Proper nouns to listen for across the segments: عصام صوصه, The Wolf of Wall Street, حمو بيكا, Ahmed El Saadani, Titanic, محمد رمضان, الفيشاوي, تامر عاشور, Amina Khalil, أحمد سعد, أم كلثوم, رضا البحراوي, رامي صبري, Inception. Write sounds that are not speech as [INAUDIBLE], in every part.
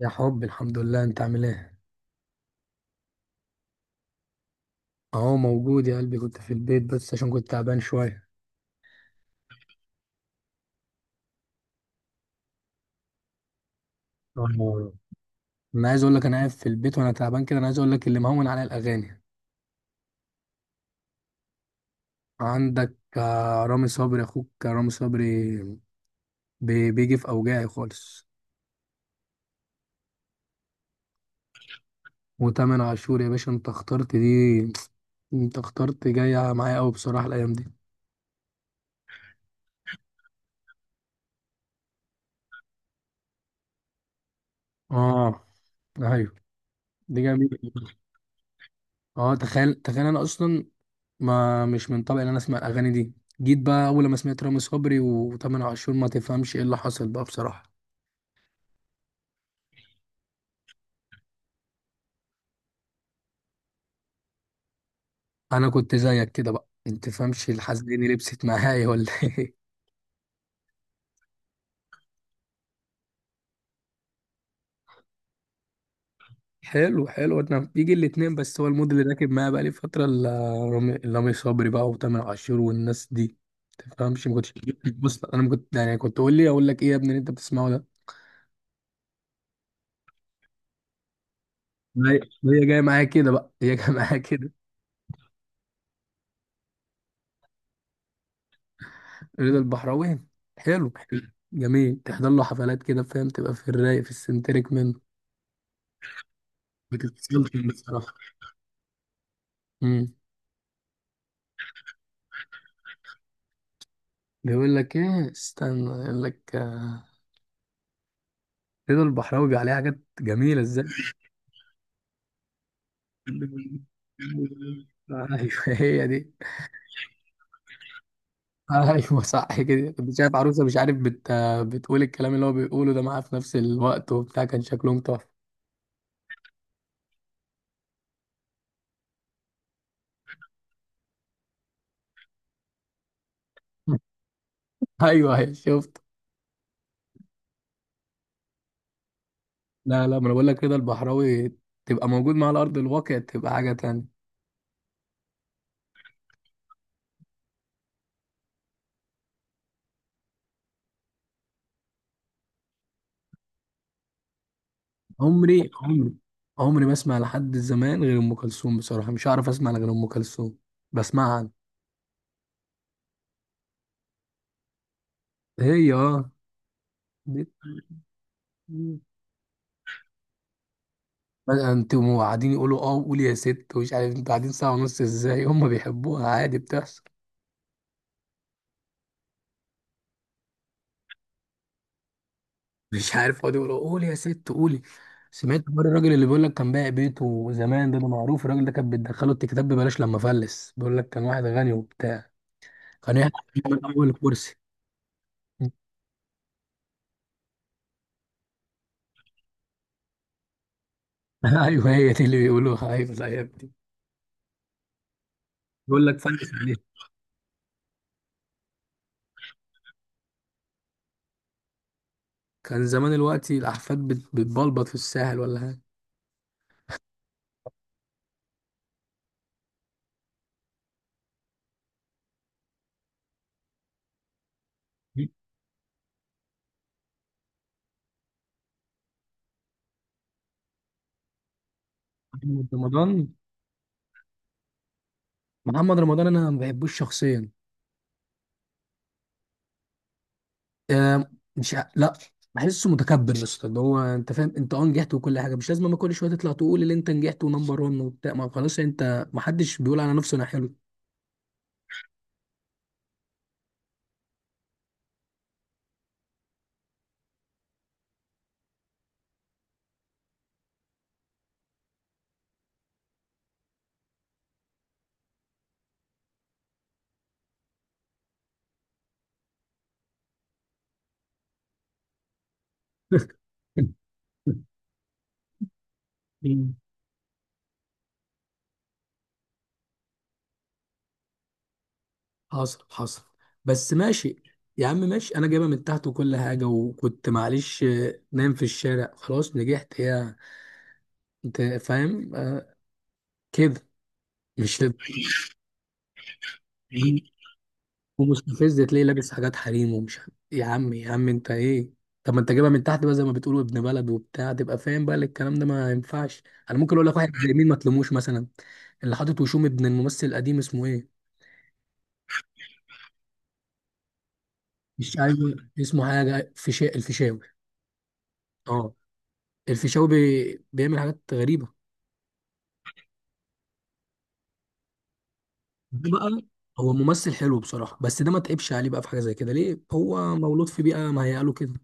يا حب، الحمد لله. انت عامل ايه؟ اهو موجود يا قلبي، كنت في البيت بس عشان كنت تعبان شويه. اه. انا عايز اقول لك، انا قاعد في البيت وانا تعبان كده. انا عايز اقول لك اللي مهون عليا الاغاني. عندك، رامي صبري، اخوك رامي صبري. بيجي في اوجاعي خالص. وتامر عاشور يا باشا، انت اخترت دي. انت اخترت جايه معايا قوي بصراحه الايام دي. اه. ايوه، دي جميله. اه، تخيل تخيل. انا اصلا ما مش من طبعي ان انا اسمع الاغاني دي. جيت بقى اول ما سمعت رامي صبري وتامر عاشور، ما تفهمش ايه اللي حصل بقى بصراحه. انا كنت زيك كده بقى، انت تفهمش الحزيني لبست معايا ولا ايه؟ [LAUGHS] حلو حلو، انا بيجي الاتنين، بس هو المود اللي راكب معايا بقى لي فتره رامي صبري بقى وتامر عاشور والناس دي. تفهمش ما كنتش. بص انا ما كنت يعني، كنت تقول لي اقول لك ايه يا ابني اللي انت بتسمعه ده. هي، هي جايه معايا كده بقى، هي جايه [LAUGHS] معايا كده. رضا البحراوي، حلو. جميل، تحضر له حفلات كده فاهم، تبقى في الرايق، في السنتريك منه. ما تتفصلش منه بصراحة. امم. بيقول لك ايه؟ استنى، يقول لك رضا البحراوي بيبقى عليه حاجات جميلة ازاي. [LAUGHS] ايوه هي دي. ايوه صح كده، كنت شايف عروسه مش عارف بتقول الكلام اللي هو بيقوله ده معاه في نفس الوقت وبتاع، كان شكلهم تحفه. [LAUGHS] ايوه ايوه، شفت. لا لا، ما انا بقول لك رضا البحراوي تبقى موجود مع على ارض الواقع تبقى حاجه تانية. عمري عمري، عمري ما اسمع لحد زمان غير ام كلثوم بصراحه. مش عارف اسمع غير ام كلثوم. بسمعها أنا. هي اه دي- بقى انتوا قاعدين يقولوا اه قول يا ست، ومش عارف انتوا قاعدين ساعه ونص ازاي. هم بيحبوها، عادي بتحصل. مش عارف، يقعدوا يقولوا قول يا ست قولي. سمعت مره الراجل اللي بيقول لك كان بايع بيته زمان ده، معروف الراجل ده، كان بيدخله التكتاب ببلاش لما فلس. بيقول لك كان واحد غني وبتاع، كان يحط من اول كرسي. [LAUGHS] ايوه هي دي اللي بيقولوها، ايوه الايام دي. بيقول لك فلس. كان زمان الوقت الأحفاد بتبلبط في الساحل ولا حاجة. محمد رمضان. محمد رمضان أنا ما بحبوش شخصيا. آه، مش ع- لا، بحسه متكبر يا اسطى، اللي هو انت فاهم، انت نجحت وكل حاجه. مش لازم اما كل شويه تطلع تقول اللي انت نجحت ونمبر 1 وبتاع. ما خلاص انت، ما حدش بيقول على نفسه انا حلو. [LAUGHS] مم. حصل حصل، بس ماشي. يا عم ماشي، انا جايبها من تحت وكل حاجه وكنت معلش نايم في الشارع. خلاص نجحت يا، انت فاهم كده. مش لازم، ومستفز تلاقيه لابس حاجات حريم يا عم يا عم، انت ايه؟ طب ما انت جايبها من تحت بقى زي ما بتقولوا ابن بلد وبتاع، تبقى فاهم بقى إن الكلام ده ما ينفعش. انا ممكن اقول لك واحد زي مين ما تلوموش مثلا؟ اللي حاطط وشوم، ابن الممثل القديم، اسمه ايه؟ مش عارف. اسمه حاجه الفيشاوي. اه، الفيشاوي بيعمل حاجات غريبه. ده بقى، هو ممثل حلو بصراحه، بس ده ما تعبش عليه بقى في حاجه زي كده ليه. هو مولود في بيئه مهيئه له كده.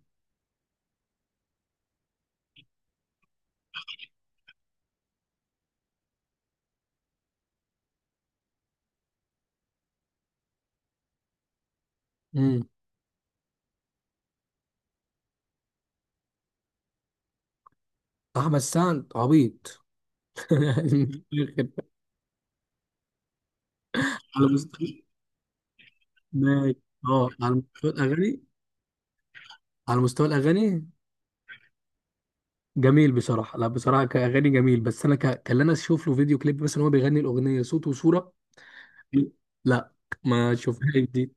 امم. احمد سعد عبيط. [LAUGHS] على مستوى، ماشي. اه، على مستوى الاغاني. على مستوى الاغاني جميل بصراحه. لا، بصراحه كاغاني جميل، بس انا كان انا اشوف له فيديو كليب مثلا، هو بيغني الاغنيه صوت وصوره. لا، ما شوفهاش دي.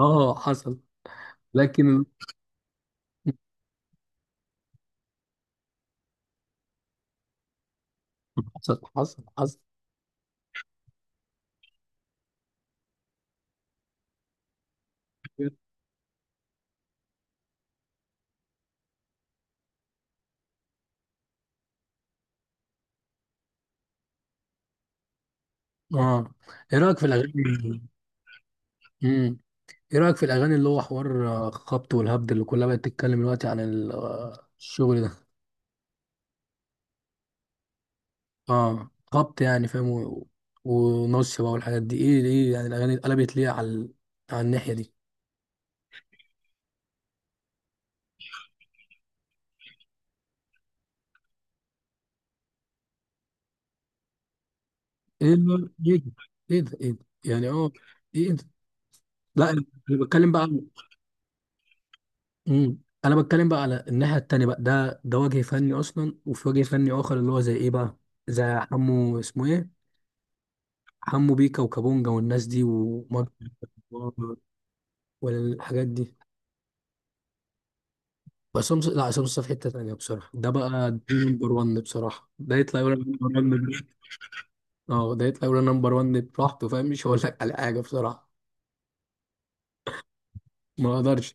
اه حصل، لكن. حصل حصل حصل. اه، ايه رايك في الاغاني؟ امم. ايه رايك في الاغاني اللي هو حوار خبط والهبد اللي كلها بقت تتكلم دلوقتي عن الشغل ده؟ اه، خبط يعني فاهم، ونص بقى والحاجات دي. ايه ليه يعني الاغاني اتقلبت ليه على على الناحيه دي؟ ايه ده، ايه ده. ايه ده، ايه ده، يعني ايه ده. لا انا، أنا بتكلم بقى مم. انا بتكلم بقى على الناحيه التانيه بقى. ده وجه فني اصلا، وفي وجه فني اخر اللي هو زي ايه بقى؟ زي حمو، اسمه ايه؟ حمو بيكا وكابونجا والناس دي ومارك، و- والحاجات دي. بس هم، لا، عصام صاحب في حته تانيه بصراحه. ده بقى ده نمبر 1 بصراحه. ده يطلع يقول لك اه، ده يطلع يقول نمبر 1 براحته فاهم، مش هقول لك على حاجه بصراحه. ما اقدرش.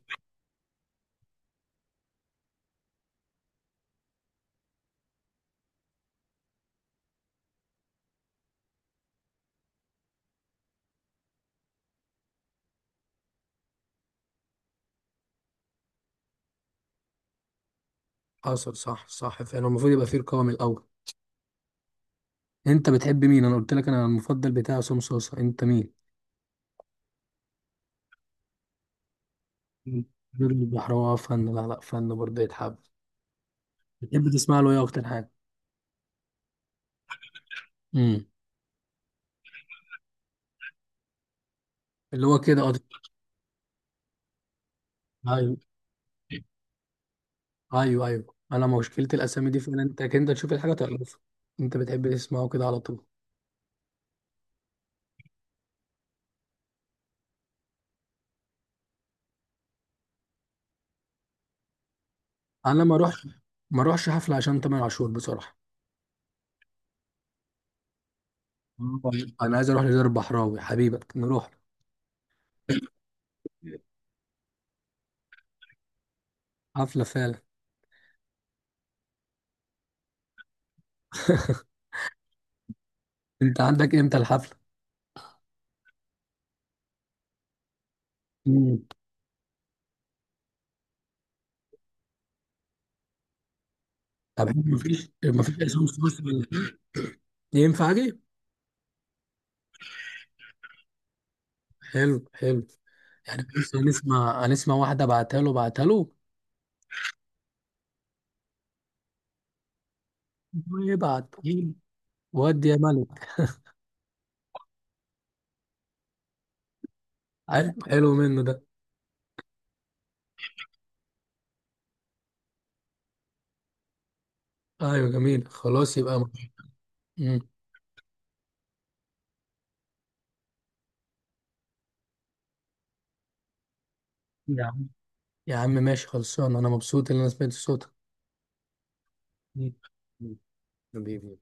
حصل. صح صح فعلا، المفروض يبقى في رقابه من الاول. انت بتحب مين؟ انا قلت لك انا المفضل بتاعي عصام صوصه، انت مين؟ غير البحراوي فن، لا لا فن برضه يتحب. بتحب تسمع له ايه اكتر حاجه؟ امم. اللي هو كده اه ايوه ايوه ايوه، انا مشكله الاسامي دي فعلا، انت تشوف الحاجه تعرفها. انت بتحب تسمعه كده على طول؟ انا ما اروحش، ما اروحش حفله عشان تامر عاشور بصراحه. آه. انا عايز اروح لدار البحراوي حبيبك، نروح. حفلة فعلا. [LAUGHS] انت عندك امتى الحفلة؟ مم. طب [LAUGHS] حلو، مفيش عصام في مصر ولا حاجة؟ ينفع اجي؟ حلو حلو. يعني بص، هنسمع هنسمع واحدة، بعتها له بعتها له. ويبعت. ودي يا ملك. حلو حلو منه ده. ايوه جميل، خلاص يبقى مم. يا عم يا عم ماشي، خلصان. انا مبسوط ان انا سمعت صوتك. مم. حبيبي.